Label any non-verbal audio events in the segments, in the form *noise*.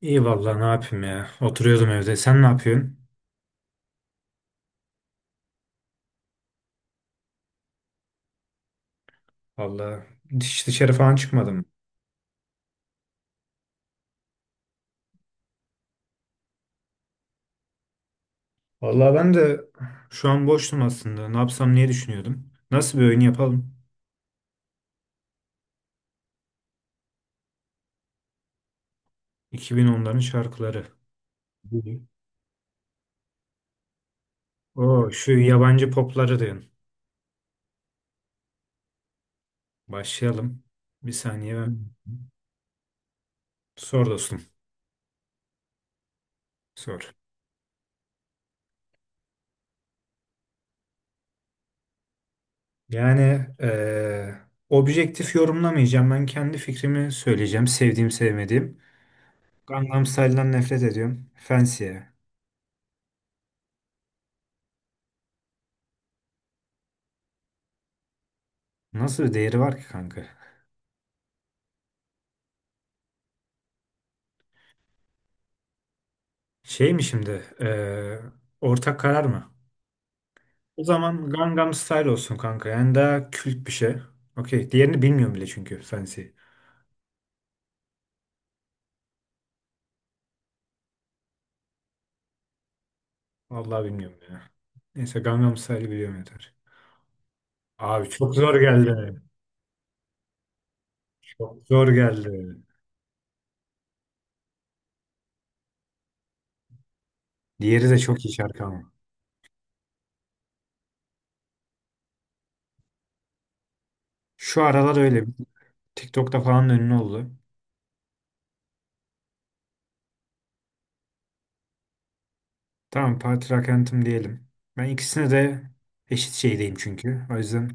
İyi vallahi ne yapayım ya. Oturuyordum evde. Sen ne yapıyorsun? Vallahi hiç dışarı falan çıkmadım. Vallahi ben de şu an boştum aslında. Ne yapsam niye düşünüyordum. Nasıl bir oyun yapalım? İki bin onların şarkıları. *laughs* O şu yabancı popları diyorsun. Başlayalım. Bir saniye ben. Sor dostum. Sor. Yani eee, Objektif yorumlamayacağım. Ben kendi fikrimi söyleyeceğim. Sevdiğim sevmediğim. Gangnam Style'dan nefret ediyorum. Fancy'ye. Nasıl bir değeri var ki kanka? Şey mi şimdi? Ortak karar mı? O zaman Gangnam Style olsun kanka. Yani daha kült bir şey. Okey. Diğerini bilmiyorum bile çünkü. Fancy. Vallahi bilmiyorum ya. Neyse Gangnam Style'ı biliyorum yeter. Abi çok zor geldi. Çok zor geldi. Diğeri de çok iyi şarkı ama. Şu aralar öyle. TikTok'ta falan ünlü oldu. Tamam Party Rock Anthem diyelim. Ben ikisine de eşit şeydeyim çünkü. O yüzden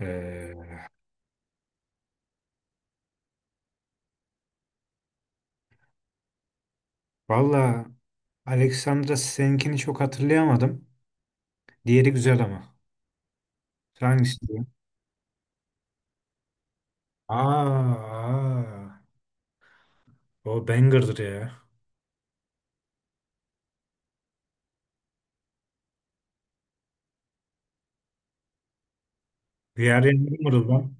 eee valla Alexandra seninkini çok hatırlayamadım. Diğeri güzel ama. Hangisi diyor? Aa, o banger'dır ya. Diğer yangı mırıldan.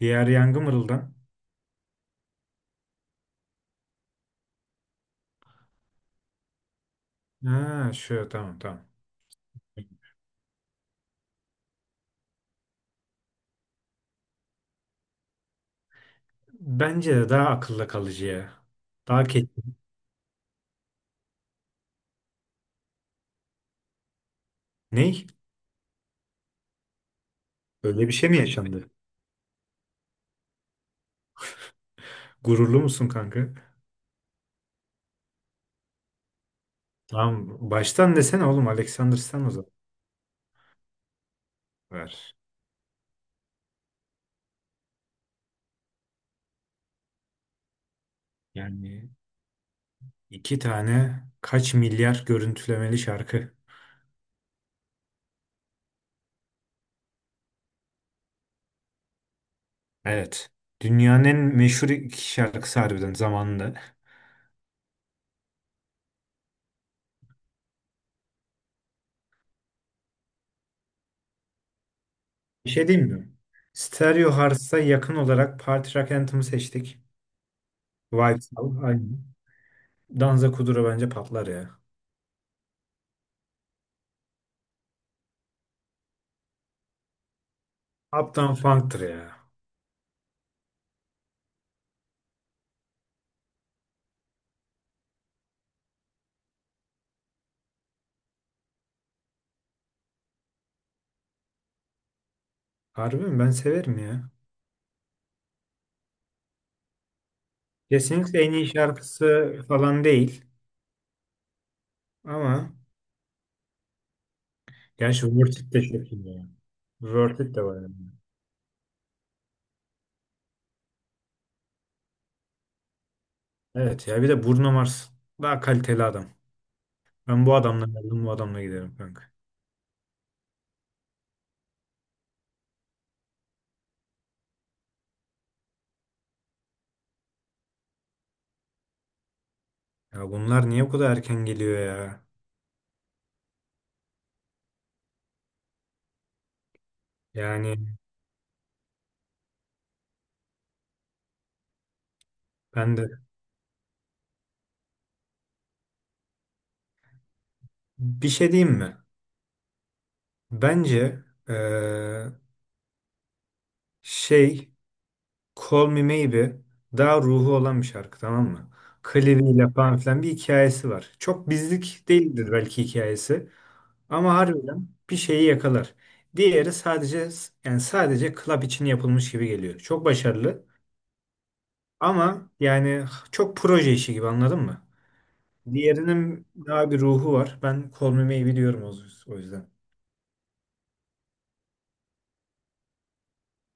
Diğer yangı mırıldan. Ha, şu tamam tamam. Bence de daha akılla kalıcı ya. Daha ke... Ney? Öyle bir şey mi yaşandı? Gururlu musun kanka? Tamam. Baştan desene oğlum Alexander sen o zaman. Ver. Yani iki tane kaç milyar görüntülemeli şarkı. Evet. Dünyanın en meşhur iki şarkısı harbiden zamanında. Bir şey diyeyim mi? Stereo Hearts'a yakın olarak Party Rock Anthem'ı seçtik. Vibes al, aynı. Danza Kuduro bence patlar ya. Uptown Funk'tır ya. Harbi mi? Ben severim ya. Kesinlikle en iyi şarkısı falan değil. Ama gerçi Worth It de çok iyi ya. Worth It de var yani. Evet ya bir de Bruno Mars. Daha kaliteli adam. Ben bu adamla geldim bu adamla giderim kanka. Ya bunlar niye bu kadar erken geliyor ya? Yani ben de bir şey diyeyim mi? Bence eee, şey Call Me Maybe daha ruhu olan bir şarkı tamam mı? Klibiyle falan filan bir hikayesi var. Çok bizlik değildir belki hikayesi ama harbiden bir şeyi yakalar. Diğeri sadece yani sadece club için yapılmış gibi geliyor. Çok başarılı ama yani çok proje işi gibi anladın mı? Diğerinin daha bir ruhu var. Ben Call Me Maybe diyorum o yüzden.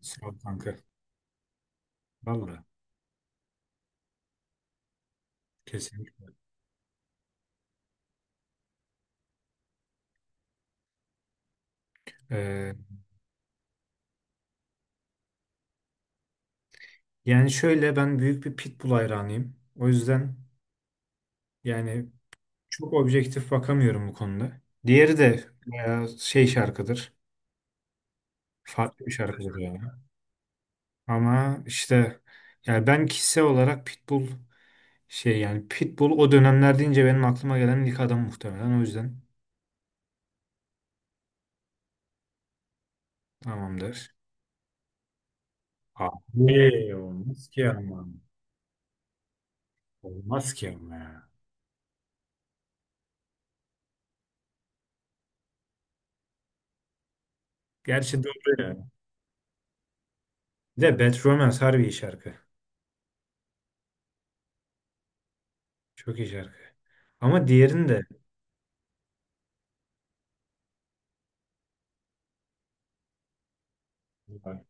Sağ ol kanka. Vallahi kesinlikle. Ee, Yani şöyle ben büyük bir pitbull hayranıyım. O yüzden yani çok objektif bakamıyorum bu konuda. Diğeri de bayağı şey şarkıdır. Farklı bir şarkıdır yani. Ama işte yani ben kişisel olarak pitbull şey yani pitbull o dönemler deyince benim aklıma gelen ilk adam muhtemelen. O yüzden tamamdır. Abi, olmaz ki ama. Olmaz ki ama ya. Gerçi doğru ya. Bir de Bad Romance harbi iyi şarkı. Çok iyi şarkı. Ama diğerini de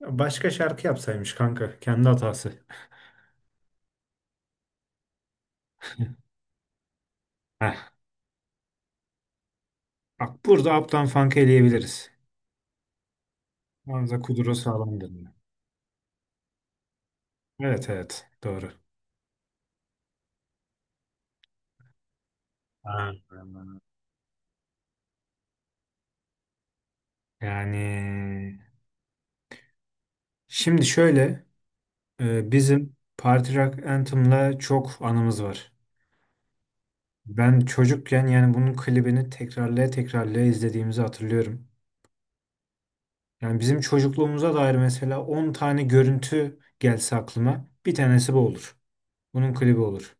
Başka şarkı yapsaymış kanka. Kendi hatası. Heh. Bak burada Uptown Funk'ı eleyebiliriz. Hamza Kuduro sağlamdır. Evet evet doğru. Ha. Yani şimdi şöyle Bizim Party Rock Anthem'la çok anımız var. Ben çocukken yani bunun klibini tekrarlaya tekrarlaya izlediğimizi hatırlıyorum. Yani bizim çocukluğumuza dair mesela 10 tane görüntü gelse aklıma bir tanesi bu olur. Bunun klibi olur.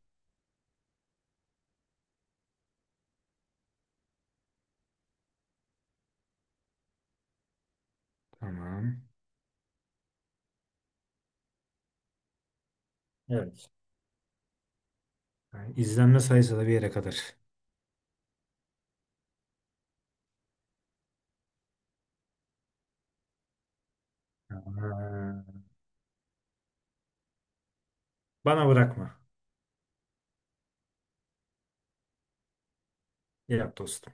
Tamam. Evet. Yani izlenme sayısı da bir yere kadar. Ha, bana bırakma. Yap dostum.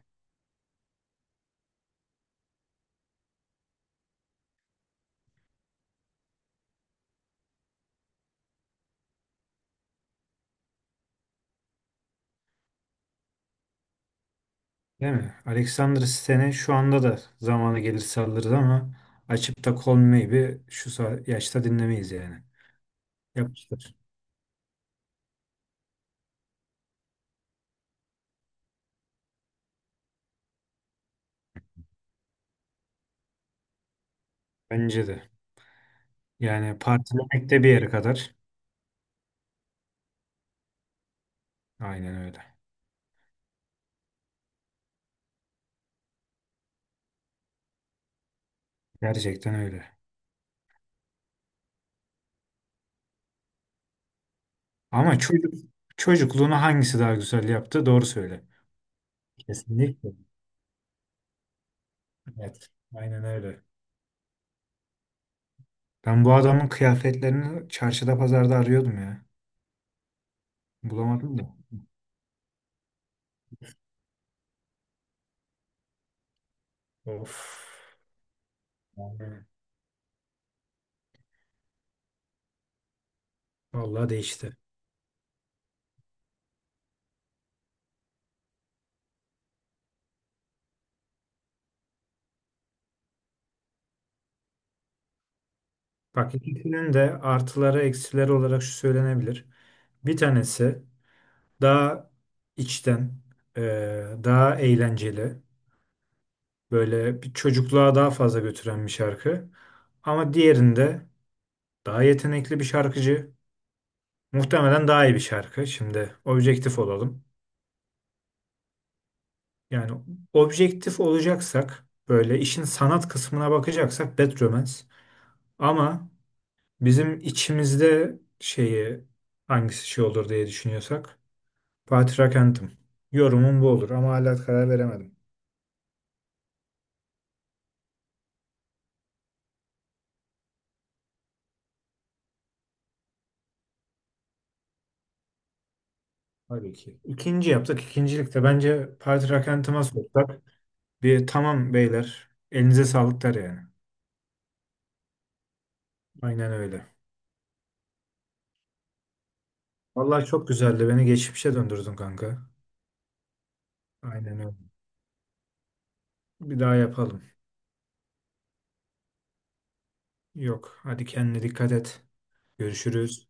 Değil mi? Alexander Sten'e şu anda da zamanı gelir saldırır ama açıp da Call Me Maybe şu sa- yaşta dinlemeyiz yani. Yapıştır. Bence de. Yani partilemek de bir yere kadar. Aynen öyle. Gerçekten öyle. Ama çocuk, çocukluğunu hangisi daha güzel yaptı? Doğru söyle. Kesinlikle. Evet. Aynen öyle. Ben bu adamın kıyafetlerini çarşıda pazarda arıyordum ya. Bulamadım da. Of. Yani vallahi değişti. Bak ikisinin de artıları eksileri olarak şu söylenebilir. Bir tanesi daha içten, e, daha eğlenceli, böyle bir çocukluğa daha fazla götüren bir şarkı. Ama diğerinde daha yetenekli bir şarkıcı, muhtemelen daha iyi bir şarkı. Şimdi objektif olalım. Yani objektif olacaksak, böyle işin sanat kısmına bakacaksak Bad Romance. Ama bizim içimizde şeyi hangisi şey olur diye düşünüyorsak Fatih Rakent'im. Yorumum bu olur ama hala karar veremedim. Tabii ki. İkinci yaptık. İkincilikte bence Fatih Rakent'ıma sorsak bir tamam beyler elinize sağlık der yani. Aynen öyle. Vallahi çok güzeldi. Beni geçmişe döndürdün kanka. Aynen öyle. Bir daha yapalım. Yok. Hadi kendine dikkat et. Görüşürüz.